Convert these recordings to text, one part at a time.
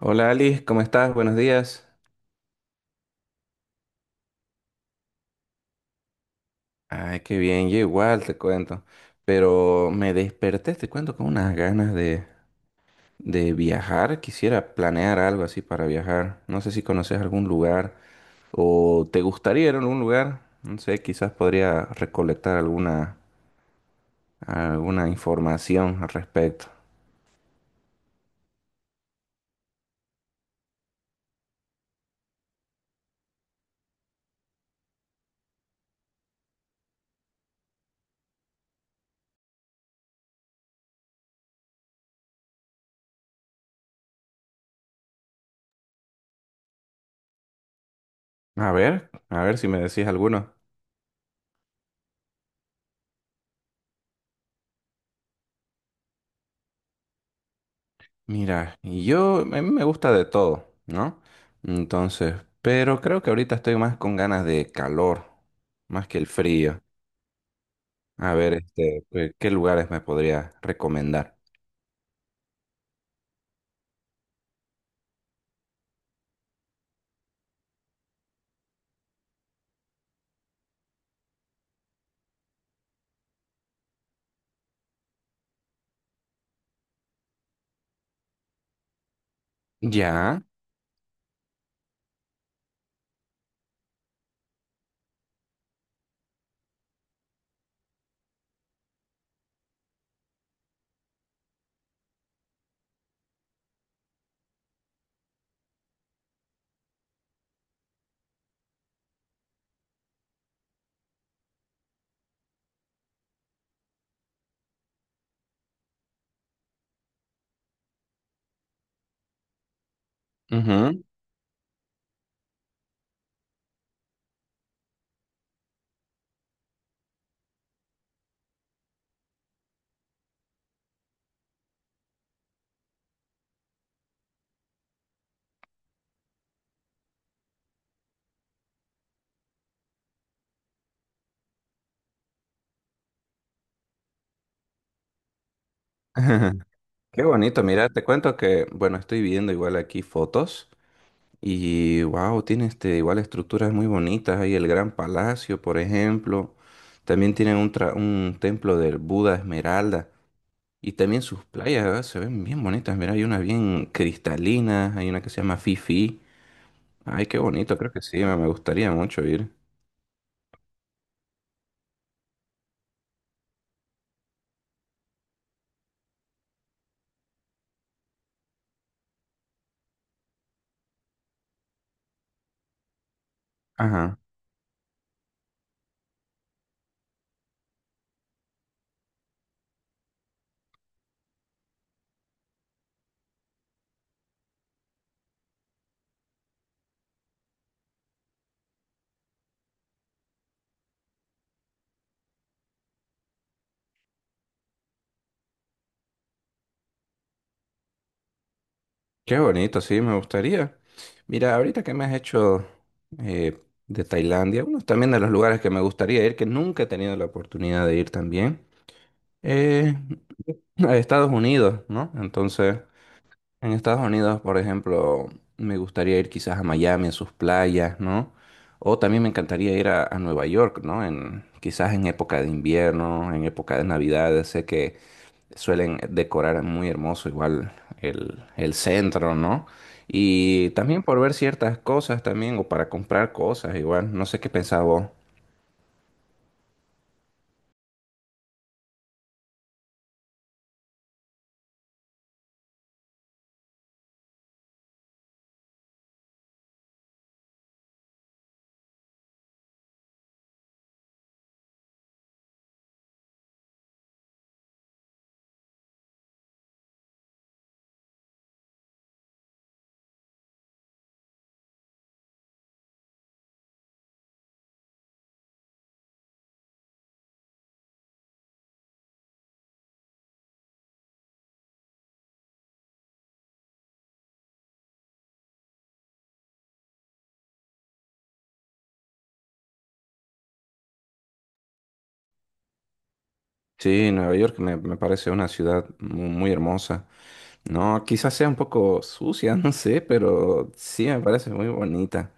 Hola Alice, ¿cómo estás? Buenos días. Ay, qué bien, yo igual te cuento. Pero me desperté, te cuento, con unas ganas de viajar. Quisiera planear algo así para viajar. No sé si conoces algún lugar o te gustaría ir a algún lugar. No sé, quizás podría recolectar alguna, alguna información al respecto. A ver si me decís alguno. Mira, y yo, a mí me gusta de todo, ¿no? Entonces, pero creo que ahorita estoy más con ganas de calor, más que el frío. A ver, este, ¿qué lugares me podría recomendar? Ya. Ujú. Qué bonito, mira, te cuento que, bueno, estoy viendo igual aquí fotos y, wow, tiene este, igual estructuras muy bonitas, hay el Gran Palacio, por ejemplo, también tienen un, tra- un templo del Buda Esmeralda. Y también sus playas, ¿verdad? Se ven bien bonitas. Mira, hay una bien cristalina, hay una que se llama Fifi. Ay, qué bonito, creo que sí, me gustaría mucho ir. Ajá. Qué bonito, sí, me gustaría. Mira, ahorita que me has hecho eh, de Tailandia, uno también de los lugares que me gustaría ir, que nunca he tenido la oportunidad de ir también, eh, a Estados Unidos, ¿no? Entonces, en Estados Unidos, por ejemplo, me gustaría ir quizás a Miami, a sus playas, ¿no? O también me encantaría ir a Nueva York, ¿no? En, quizás en época de invierno, en época de Navidad. Sé que suelen decorar muy hermoso igual el centro, ¿no? Y también por ver ciertas cosas también, o para comprar cosas igual. No sé qué pensaba vos. Sí, Nueva York me, me parece una ciudad mu- muy hermosa. No, quizás sea un poco sucia, no sé, pero sí me parece muy bonita.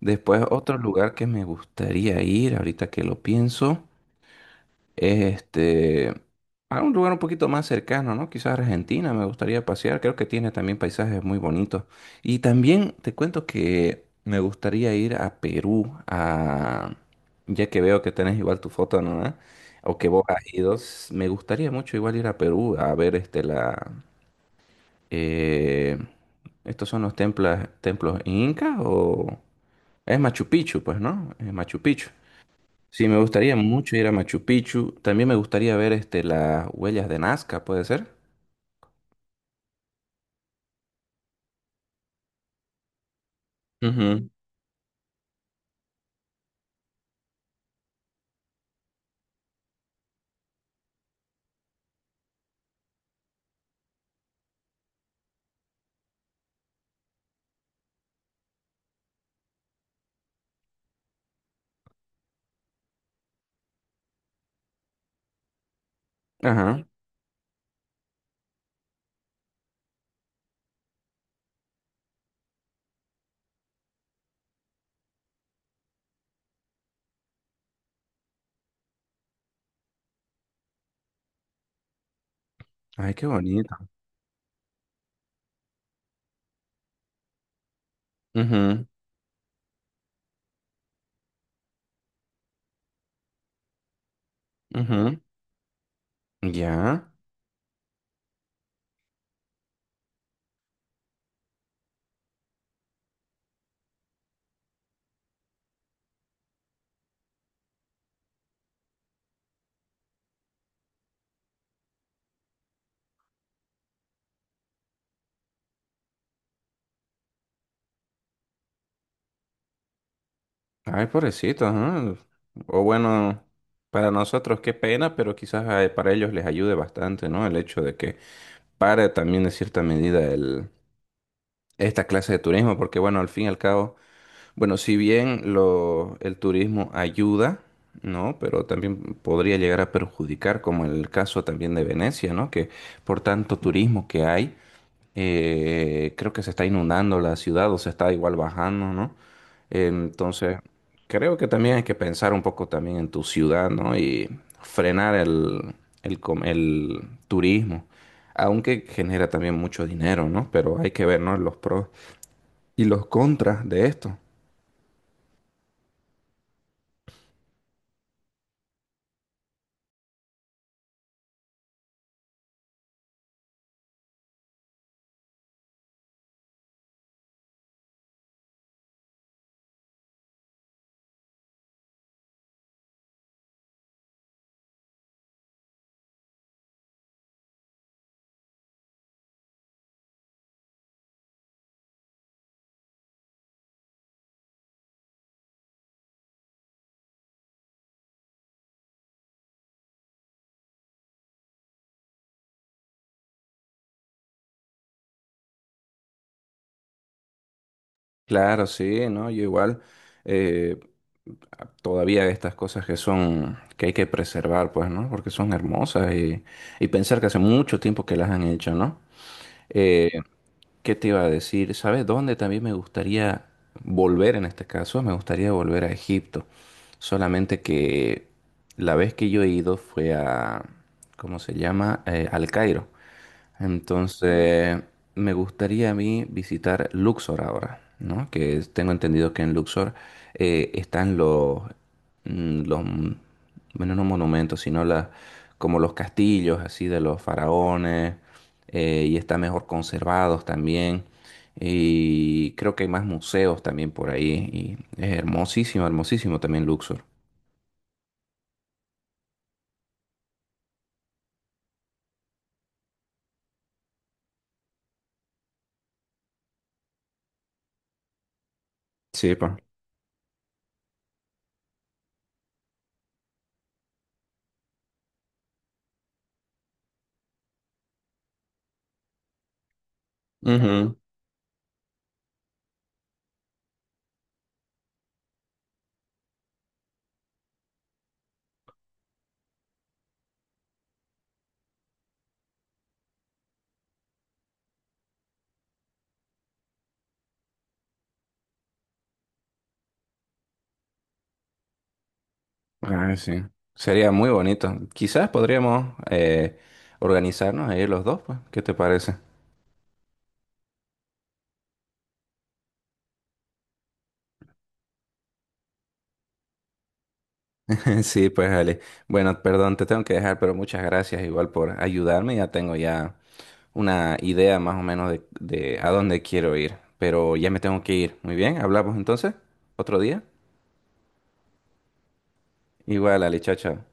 Después, otro lugar que me gustaría ir, ahorita que lo pienso, es este, a un lugar un poquito más cercano, ¿no? Quizás Argentina, me gustaría pasear, creo que tiene también paisajes muy bonitos. Y también te cuento que me gustaría ir a Perú, a... ya que veo que tenés igual tu foto, ¿no? ¿Eh? O que vos has ido, s- me gustaría mucho igual ir a Perú a ver este, la... eh, ¿Estos son los templos, templos incas o...? Es Machu Picchu, pues, ¿no? Es Machu Picchu. Sí, me gustaría mucho ir a Machu Picchu. También me gustaría ver este, las huellas de Nazca, ¿puede ser? Ujú. Ajá. Ay, qué bonito. Ujú, ujú. Ya. Ay, pobrecito, ajá. O bueno, para nosotros qué pena, pero quizás para ellos les ayude bastante, ¿no? El hecho de que pare también en cierta medida el, esta clase de turismo, porque bueno, al fin y al cabo. Bueno, si bien lo, el turismo ayuda, ¿no? Pero también podría llegar a perjudicar, como en el caso también de Venecia, ¿no? Que por tanto turismo que hay, creo que se está inundando la ciudad o se está igual bajando, ¿no? Entonces, creo que también hay que pensar un poco también en tu ciudad, ¿no? Y frenar el, com- el turismo, aunque genera también mucho dinero, ¿no? Pero hay que ver, ¿no? Los pros y los contras de esto. Claro, sí, ¿no? Yo igual, eh, todavía estas cosas que son, que hay que preservar, pues, ¿no? Porque son hermosas y pensar que hace mucho tiempo que las han hecho, ¿no? Eh, ¿Qué te iba a decir? ¿Sabes dónde también me gustaría volver en este caso? Me gustaría volver a Egipto. Solamente que la vez que yo he ido fue a, ¿cómo se llama? Al Cairo. Entonces, me gustaría a mí visitar Luxor ahora, ¿no? Que es- tengo entendido que en Luxor están los, los, bueno, no monumentos, sino las, como los castillos así de los faraones, y están mejor conservados también. Y creo que hay más museos también por ahí, y es hermosísimo, hermosísimo también Luxor. Sí, pa. Ujú. Ah, sí. Sería muy bonito. Quizás podríamos organizarnos ahí los dos, pues. ¿Qué te parece? Sí, pues Ale. Bueno, perdón, te tengo que dejar, pero muchas gracias igual por ayudarme. Ya tengo ya una idea más o menos de a dónde quiero ir. Pero ya me tengo que ir. Muy bien, hablamos entonces otro día. Igual, Ale, chao, chao.